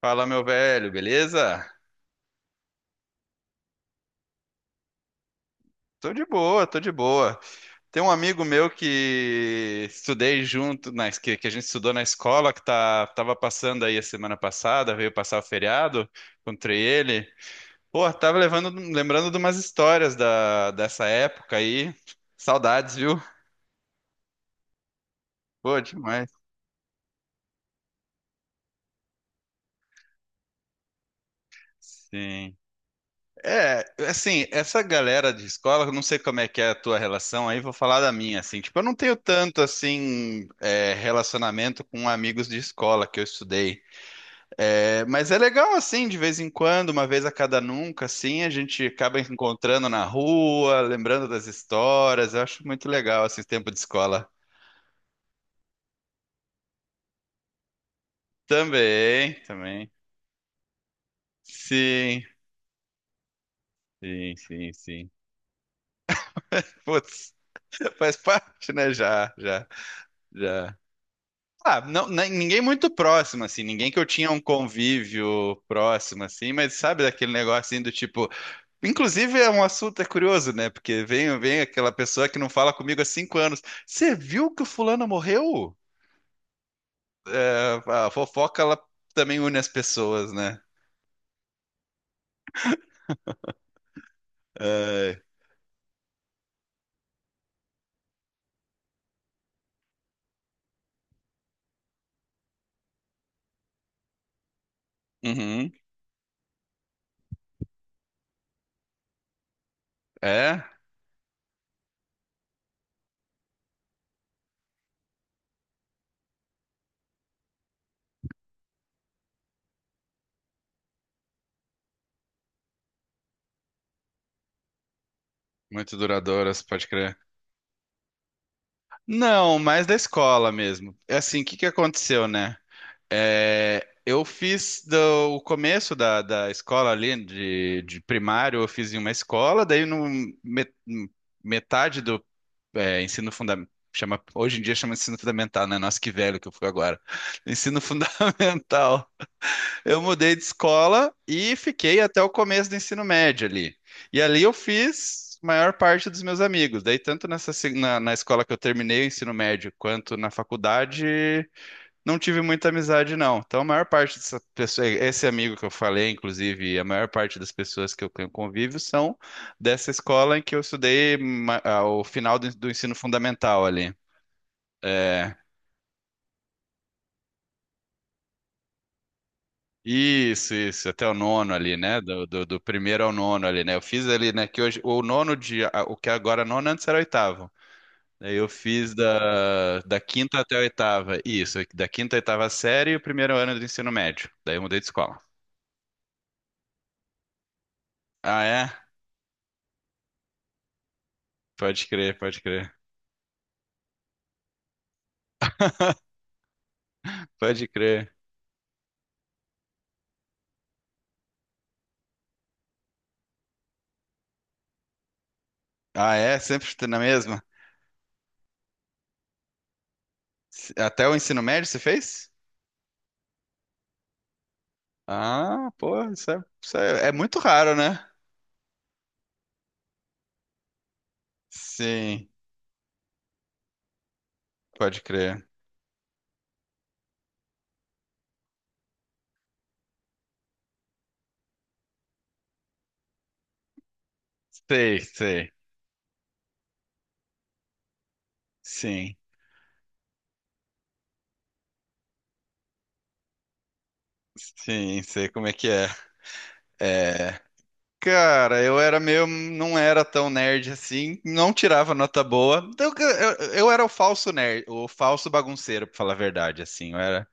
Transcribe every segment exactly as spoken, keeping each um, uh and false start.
Fala, meu velho, beleza? Tô de boa, tô de boa. Tem um amigo meu que estudei junto, na, que, que a gente estudou na escola, que tá, tava passando aí a semana passada, veio passar o feriado, encontrei ele. Pô, tava levando, lembrando de umas histórias da, dessa época aí. Saudades, viu? Pô, demais. Sim. É, assim, essa galera de escola, eu não sei como é que é a tua relação, aí vou falar da minha, assim, tipo, eu não tenho tanto, assim, é, relacionamento com amigos de escola que eu estudei. É, mas é legal, assim, de vez em quando, uma vez a cada nunca, assim, a gente acaba encontrando na rua, lembrando das histórias, eu acho muito legal, assim, esse tempo de escola. Também, também, sim, sim, sim, sim. Putz, faz parte, né, já, já. Já. Ah, não, nem- ninguém muito próximo, assim, ninguém que eu tinha um convívio próximo, assim, mas sabe daquele negócio assim do tipo. Inclusive é um assunto, é curioso, né? Porque vem, vem aquela pessoa que não fala comigo há cinco anos. Você viu que o fulano morreu? É, a fofoca, ela também une as pessoas, né? É, uhum, é, muito duradouras, pode crer. Não, mais da escola mesmo. É assim, o que que aconteceu, né? É, eu fiz do- o começo da, da escola ali, de, de primário, eu fiz em uma escola, daí no me- metade do é, ensino fundamental, chama, hoje em dia chama ensino fundamental, né? Nossa, que velho que eu fui agora. Ensino fundamental. Eu mudei de escola e fiquei até o começo do ensino médio ali. E ali eu fiz a maior parte dos meus amigos. Daí, tanto nessa, se- na, na escola que eu terminei o ensino médio, quanto na faculdade, não tive muita amizade, não. Então, a maior parte dessa pessoa, esse amigo que eu falei, inclusive, a maior parte das pessoas que eu tenho convívio são dessa escola em que eu estudei ma- ao final do, do ensino fundamental ali. É, isso, isso, até o nono ali, né? Do, do, do primeiro ao nono ali, né? Eu fiz ali, né? Que hoje, o nono de, a- o que agora é nono, antes era oitavo. Aí eu fiz da, da quinta até a oitava, isso, da quinta à oitava série e o primeiro ano do ensino médio. Daí eu mudei de escola. Ah, é? Pode crer, pode crer. Pode crer. Ah, é? Sempre na mesma? Até o ensino médio você fez? Ah, pô, isso é, isso é, é muito raro, né? Sim, pode crer. Sei, sei. Sim, sim, sei como é que é. É. Cara, eu era meio. Não era tão nerd assim, não tirava nota boa. Eu, eu, eu era o falso nerd, o falso bagunceiro, pra falar a verdade, assim. Eu era.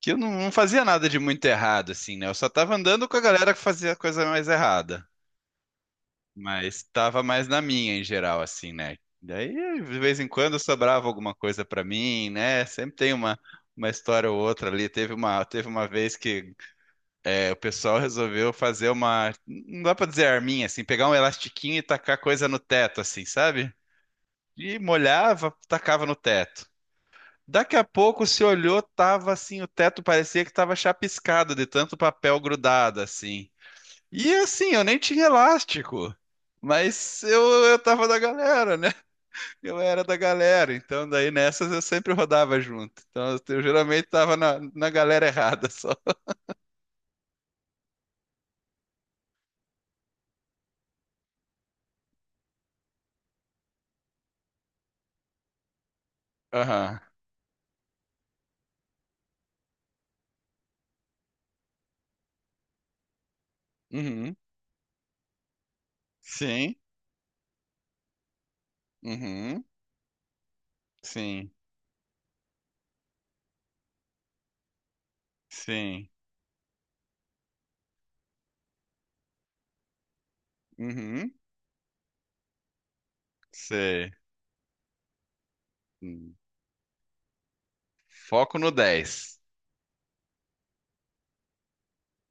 Que eu não, não fazia nada de muito errado, assim, né? Eu só tava andando com a galera que fazia coisa mais errada. Mas tava mais na minha em geral, assim, né? Daí, de vez em quando, sobrava alguma coisa pra mim, né? Sempre tem uma, uma história ou outra ali. Teve uma, teve uma vez que é, o pessoal resolveu fazer uma. Não dá pra dizer arminha, assim, pegar um elastiquinho e tacar coisa no teto, assim, sabe? E molhava, tacava no teto. Daqui a pouco se olhou, tava assim, o teto parecia que tava chapiscado de tanto papel grudado, assim. E assim, eu nem tinha elástico, mas eu, eu tava da galera, né? Eu era da galera, então daí nessas eu sempre rodava junto. Então eu, eu geralmente tava na, na galera errada só. Aham. Uhum. Sim. Uhum. Sim. Sim. Uhum. Sei. Hum. Foco no dez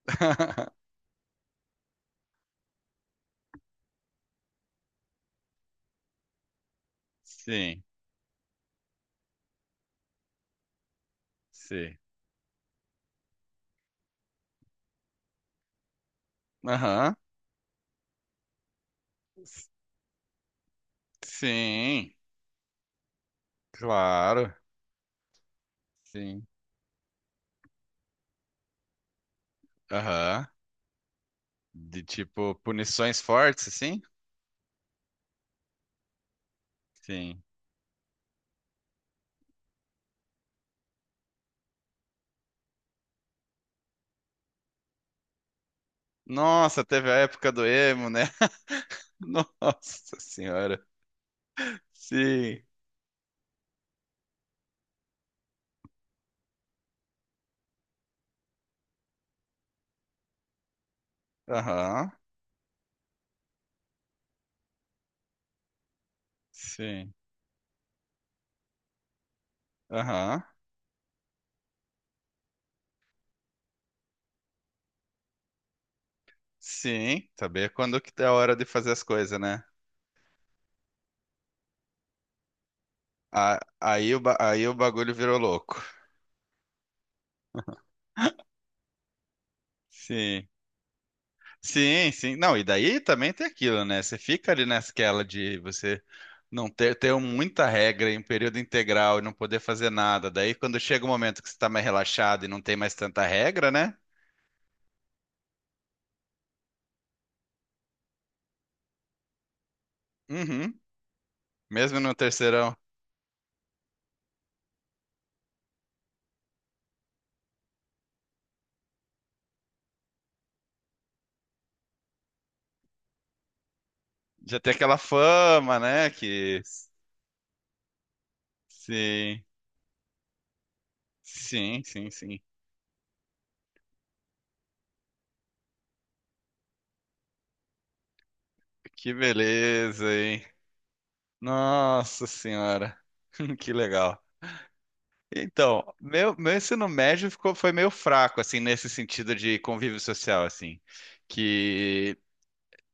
Sim. Sim. Aham. Sim. Claro. Sim. Aham. De tipo punições fortes, assim? Sim. Nossa, teve a época do emo, né? Nossa senhora. Sim. Aham. Sim. Aham. Sim. Saber quando que é a hora de fazer as coisas, né? A- Aí o, ba- aí o bagulho virou louco. Sim. Sim, sim. Não, e daí também tem aquilo, né? Você fica ali naquela de você não ter, ter muita regra em período integral e não poder fazer nada. Daí quando chega o momento que você está mais relaxado e não tem mais tanta regra, né? Uhum. Mesmo no terceirão. Já tem aquela fama, né? Que. Sim, sim, sim, sim. Que beleza, hein? Nossa senhora, que legal. Então, meu, meu ensino médio ficou, foi meio fraco, assim, nesse sentido de convívio social, assim. Que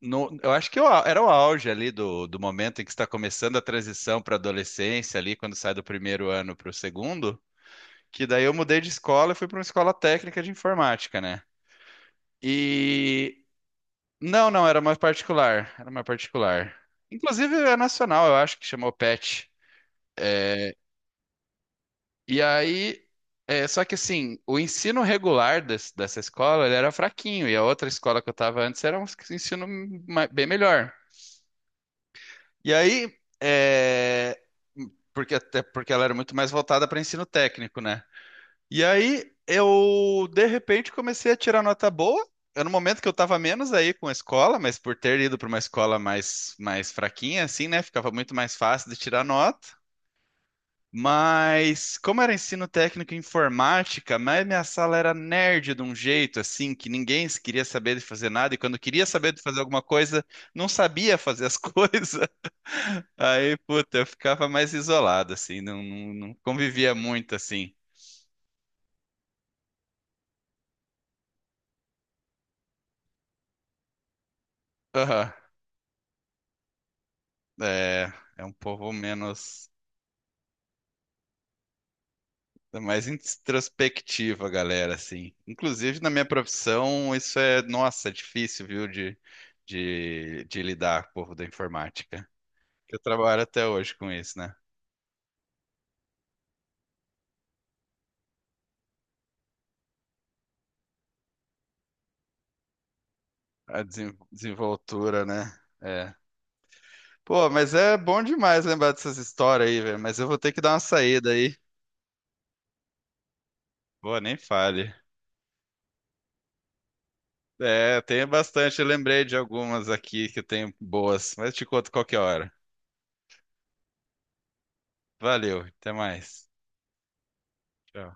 no, eu acho que eu, era o auge ali do, do momento em que está começando a transição para adolescência, ali, quando sai do primeiro ano para o segundo. Que daí eu mudei de escola e fui para uma escola técnica de informática, né? E não, não, era uma particular. Era uma particular. Inclusive é nacional, eu acho que chamou PET. E aí, é, só que assim, o ensino regular des- dessa escola, ele era fraquinho, e a outra escola que eu estava antes era um ensino ma- bem melhor. E aí, é, porque até porque ela era muito mais voltada para ensino técnico, né? E aí eu, de repente, comecei a tirar nota boa. Era no momento que eu estava menos aí com a escola, mas por ter ido para uma escola mais, mais fraquinha, assim, né? Ficava muito mais fácil de tirar nota. Mas, como era ensino técnico em informática, mas minha sala era nerd de um jeito, assim, que ninguém queria saber de fazer nada, e quando queria saber de fazer alguma coisa, não sabia fazer as coisas. Aí, puta, eu ficava mais isolado, assim, não, não, não convivia muito, assim. É, é um povo menos, é mais introspectiva, galera, assim. Inclusive, na minha profissão, isso é, nossa, é difícil, viu, de, de, de lidar com o povo da informática. Eu trabalho até hoje com isso, né? A desen- desenvoltura, né? É. Pô, mas é bom demais lembrar dessas histórias aí, velho. Mas eu vou ter que dar uma saída aí. Pô, nem fale. É, tem bastante. Eu lembrei de algumas aqui que tem boas, mas te conto qualquer hora. Valeu, até mais. Tchau.